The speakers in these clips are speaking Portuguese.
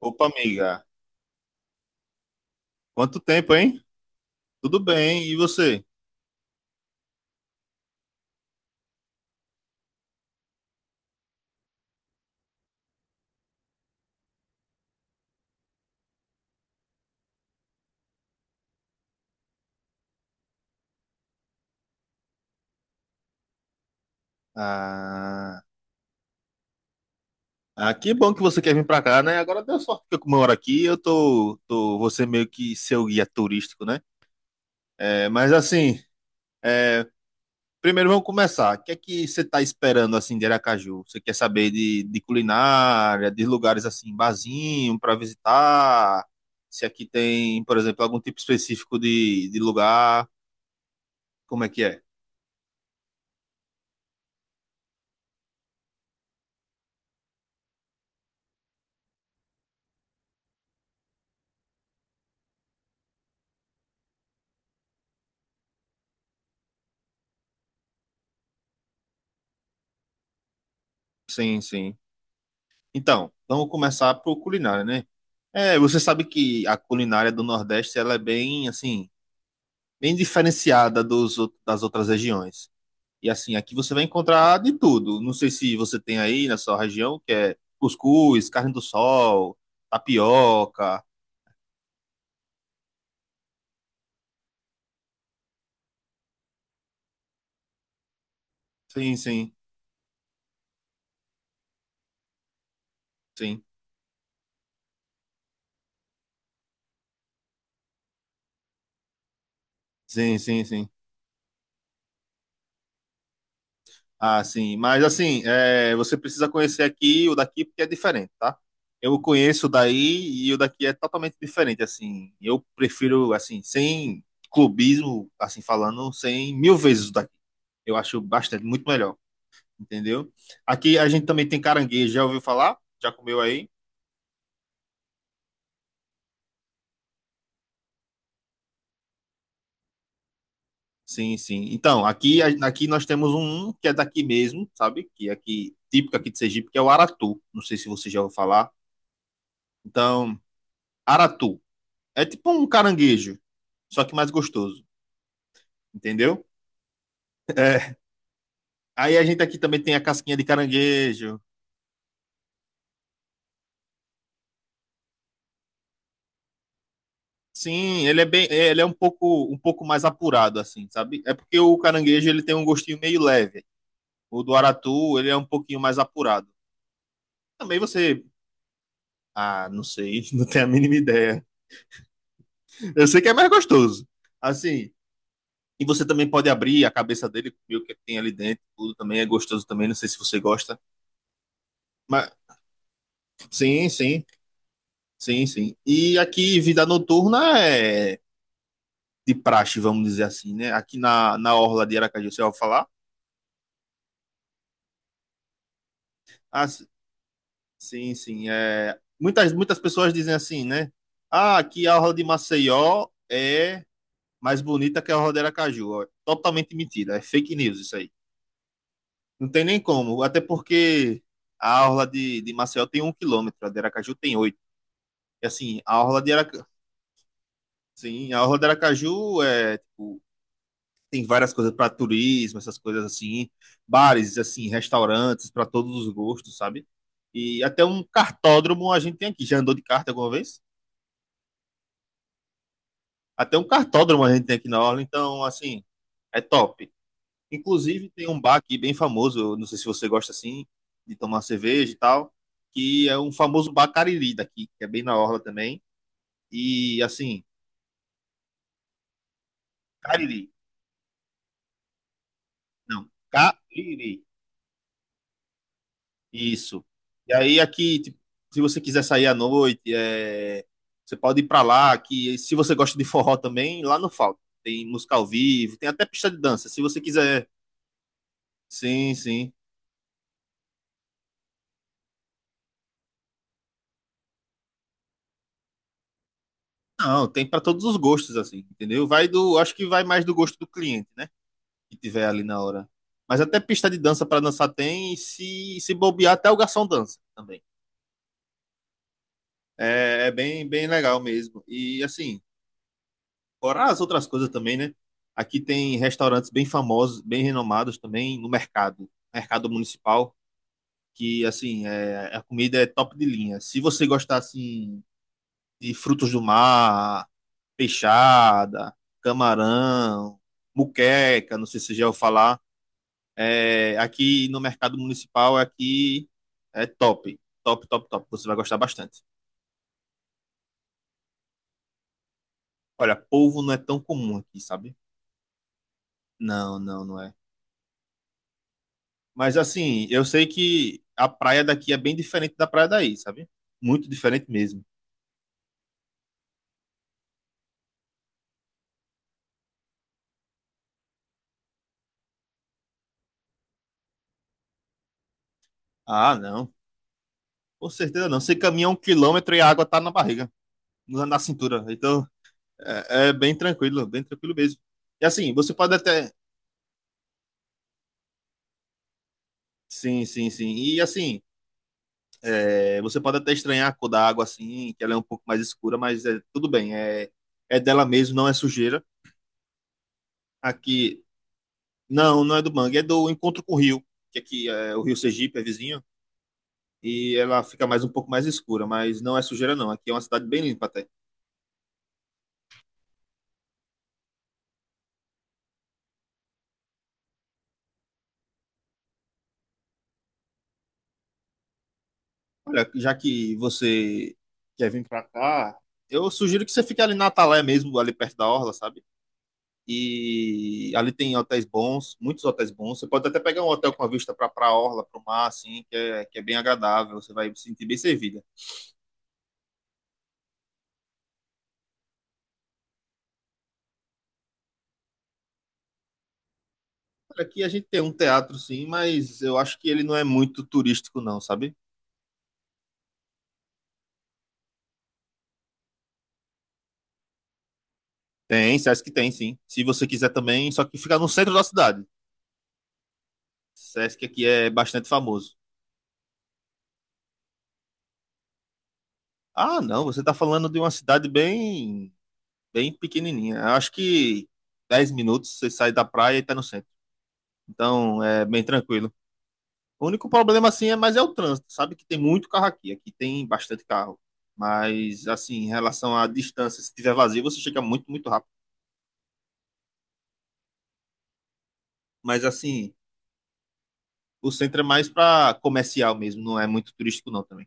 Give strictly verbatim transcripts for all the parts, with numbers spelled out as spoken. Opa, amiga. Quanto tempo, hein? Tudo bem, e você? Ah, ah, que bom que você quer vir pra cá, né? Agora deu sorte que eu moro aqui, eu tô, tô você meio que seu guia turístico, né? É, mas assim, é, primeiro vamos começar. O que é que você tá esperando, assim, de Aracaju? Você quer saber de, de culinária, de lugares, assim, barzinho pra visitar? Se aqui tem, por exemplo, algum tipo específico de, de lugar? Como é que é? Sim, sim. Então, vamos começar por culinária, né? É, você sabe que a culinária do Nordeste ela é bem assim, bem diferenciada dos, ou- das outras regiões. E assim, aqui você vai encontrar de tudo. Não sei se você tem aí na sua região, que é cuscuz, carne do sol, tapioca. Sim, sim, sim. Sim, sim, sim. Ah, sim. Mas assim, é, você precisa conhecer aqui e o daqui porque é diferente, tá? Eu conheço o daí e o daqui é totalmente diferente, assim. Eu prefiro, assim, sem clubismo, assim falando, sem mil vezes o daqui. Eu acho bastante, muito melhor, entendeu? Aqui a gente também tem caranguejo, já ouviu falar? Já comeu aí? Sim, sim. Então, aqui, a- aqui nós temos um que é daqui mesmo, sabe? Que é aqui, típico aqui de Sergipe, que é o aratu. Não sei se você já ouviu falar. Então, aratu. É tipo um caranguejo, só que mais gostoso, entendeu? Aí a gente aqui também tem a casquinha de caranguejo. Sim, ele é bem, ele é um pouco, um pouco mais apurado assim, sabe? É porque o caranguejo ele tem um gostinho meio leve. O do aratu, ele é um pouquinho mais apurado. Também você, ah, não sei, não tenho a mínima ideia. Eu sei que é mais gostoso. Assim, e você também pode abrir a cabeça dele, comer o que tem ali dentro, tudo também é gostoso também, não sei se você gosta. Mas sim, sim. Sim, sim. E aqui, vida noturna é de praxe, vamos dizer assim, né? Aqui na, na Orla de Aracaju, você vai falar? Ah, s- sim, sim. É... Muitas, muitas pessoas dizem assim, né? Ah, aqui a Orla de Maceió é mais bonita que a Orla de Aracaju. Ó, totalmente mentira, é fake news isso aí. Não tem nem como, até porque a Orla de, de Maceió tem um quilômetro, a de Aracaju tem oito. E assim, a Orla de Aracaju... Sim, a Orla de Aracaju é, tipo, tem várias coisas para turismo, essas coisas assim, bares, assim, restaurantes para todos os gostos, sabe? E até um cartódromo a gente tem aqui. Já andou de kart alguma vez? Até um cartódromo a gente tem aqui na orla, então assim, é top. Inclusive tem um bar aqui bem famoso, eu não sei se você gosta assim de tomar cerveja e tal, que é um famoso bar Cariri daqui, que é bem na orla também. E assim, Cariri, não, Cariri. Isso. E aí aqui, tipo, se você quiser sair à noite, é, você pode ir pra lá, que se você gosta de forró também, lá não falta. Tem música ao vivo, tem até pista de dança, se você quiser. Sim, sim. Não, tem pra todos os gostos assim, entendeu? Vai do, acho que vai mais do gosto do cliente, né? Que tiver ali na hora. Mas até pista de dança pra dançar tem, e se se bobear até o garçom dança também. É, é bem bem legal mesmo. E assim, fora as outras coisas também, né? Aqui tem restaurantes bem famosos, bem renomados também no mercado, mercado municipal, que assim, é, a comida é top de linha. Se você gostar assim de frutos do mar, peixada, camarão, muqueca, não sei se você já ouviu falar, é, aqui no mercado municipal aqui é top, top, top, top. Você vai gostar bastante. Olha, polvo não é tão comum aqui, sabe? Não, não, não é. Mas assim, eu sei que a praia daqui é bem diferente da praia daí, sabe? Muito diferente mesmo. Ah, não. Com certeza não. Você caminha um quilômetro e a água tá na barriga, na na cintura. Então, é, é bem tranquilo, bem tranquilo mesmo. E assim, você pode até. Sim, sim, sim. E assim, é, você pode até estranhar a cor da água, assim, que ela é um pouco mais escura, mas é tudo bem. É, é dela mesmo, não é sujeira. Aqui. Não, não é do mangue, é do encontro com o rio. Que aqui é o Rio Sergipe, é vizinho. E ela fica mais um pouco mais escura, mas não é sujeira não. Aqui é uma cidade bem limpa até. Olha, já que você quer vir pra cá, eu sugiro que você fique ali na Atalé mesmo, ali perto da orla, sabe? E ali tem hotéis bons, muitos hotéis bons. Você pode até pegar um hotel com a vista para pra orla, para o mar, assim, que é, que é bem agradável. Você vai se sentir bem servida. Aqui a gente tem um teatro, sim, mas eu acho que ele não é muito turístico, não, sabe? Tem, acho que tem, sim. Se você quiser também, só que fica no centro da cidade. Sesc aqui é bastante famoso. Ah, não, você está falando de uma cidade bem, bem pequenininha. Eu acho que dez minutos você sai da praia e está no centro. Então é bem tranquilo. O único problema assim é, mas é o trânsito. Sabe que tem muito carro aqui, aqui tem bastante carro. Mas assim, em relação à distância, se tiver vazio, você chega muito, muito rápido. Mas assim, o centro é mais para comercial mesmo, não é muito turístico não também.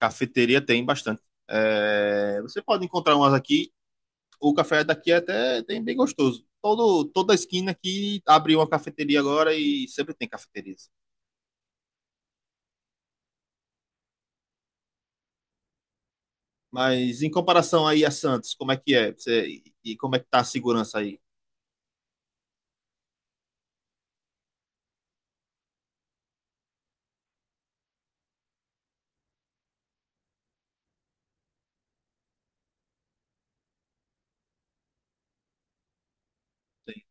Cafeteria tem bastante. É, você pode encontrar umas aqui o café daqui é até tem bem gostoso. Todo, toda esquina aqui abriu uma cafeteria agora e sempre tem cafeterias. Mas em comparação aí a Santos, como é que é? Você, e, e como é que tá a segurança aí? Tem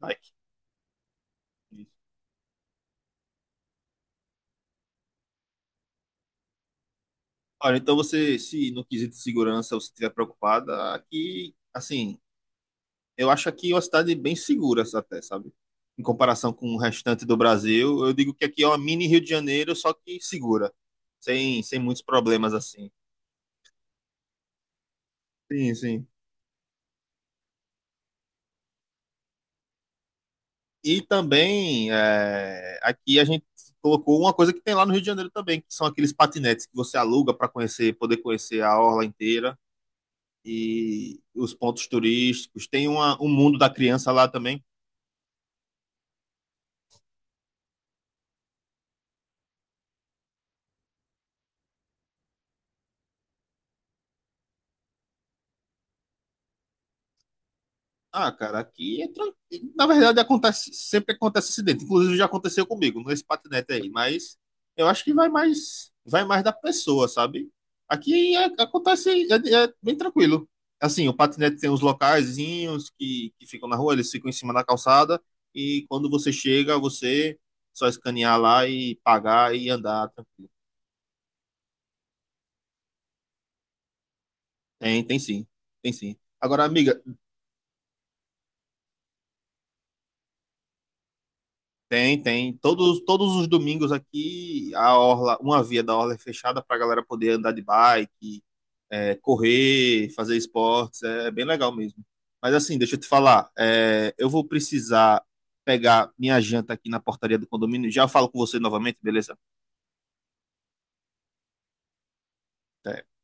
bike? Olha, então você, se no quesito de segurança você estiver preocupada, aqui, assim, eu acho aqui uma cidade bem segura até, sabe? Em comparação com o restante do Brasil, eu digo que aqui é uma mini Rio de Janeiro, só que segura, sem, sem muitos problemas assim. Sim, sim. E também é, aqui a gente colocou uma coisa que tem lá no Rio de Janeiro também, que são aqueles patinetes que você aluga para conhecer, poder conhecer a orla inteira e os pontos turísticos. Tem uma, um mundo da criança lá também, ah, cara, aqui é tranquilo. Na verdade, acontece, sempre acontece acidente. Inclusive, já aconteceu comigo nesse patinete aí. Mas eu acho que vai mais, vai mais da pessoa, sabe? Aqui é- acontece, é, é bem tranquilo. Assim, o patinete tem uns locaizinhos que, que ficam na rua, eles ficam em cima da calçada. E quando você chega, você só escanear lá e pagar e andar tranquilo. Tem, tem sim. Tem sim. Agora, amiga, tem, tem. Todos, todos os domingos aqui, a orla, uma via da orla é fechada para a galera poder andar de bike, é, correr, fazer esportes. É bem legal mesmo. Mas assim, deixa eu te falar, é, eu vou precisar pegar minha janta aqui na portaria do condomínio. Já falo com você novamente, beleza? Até.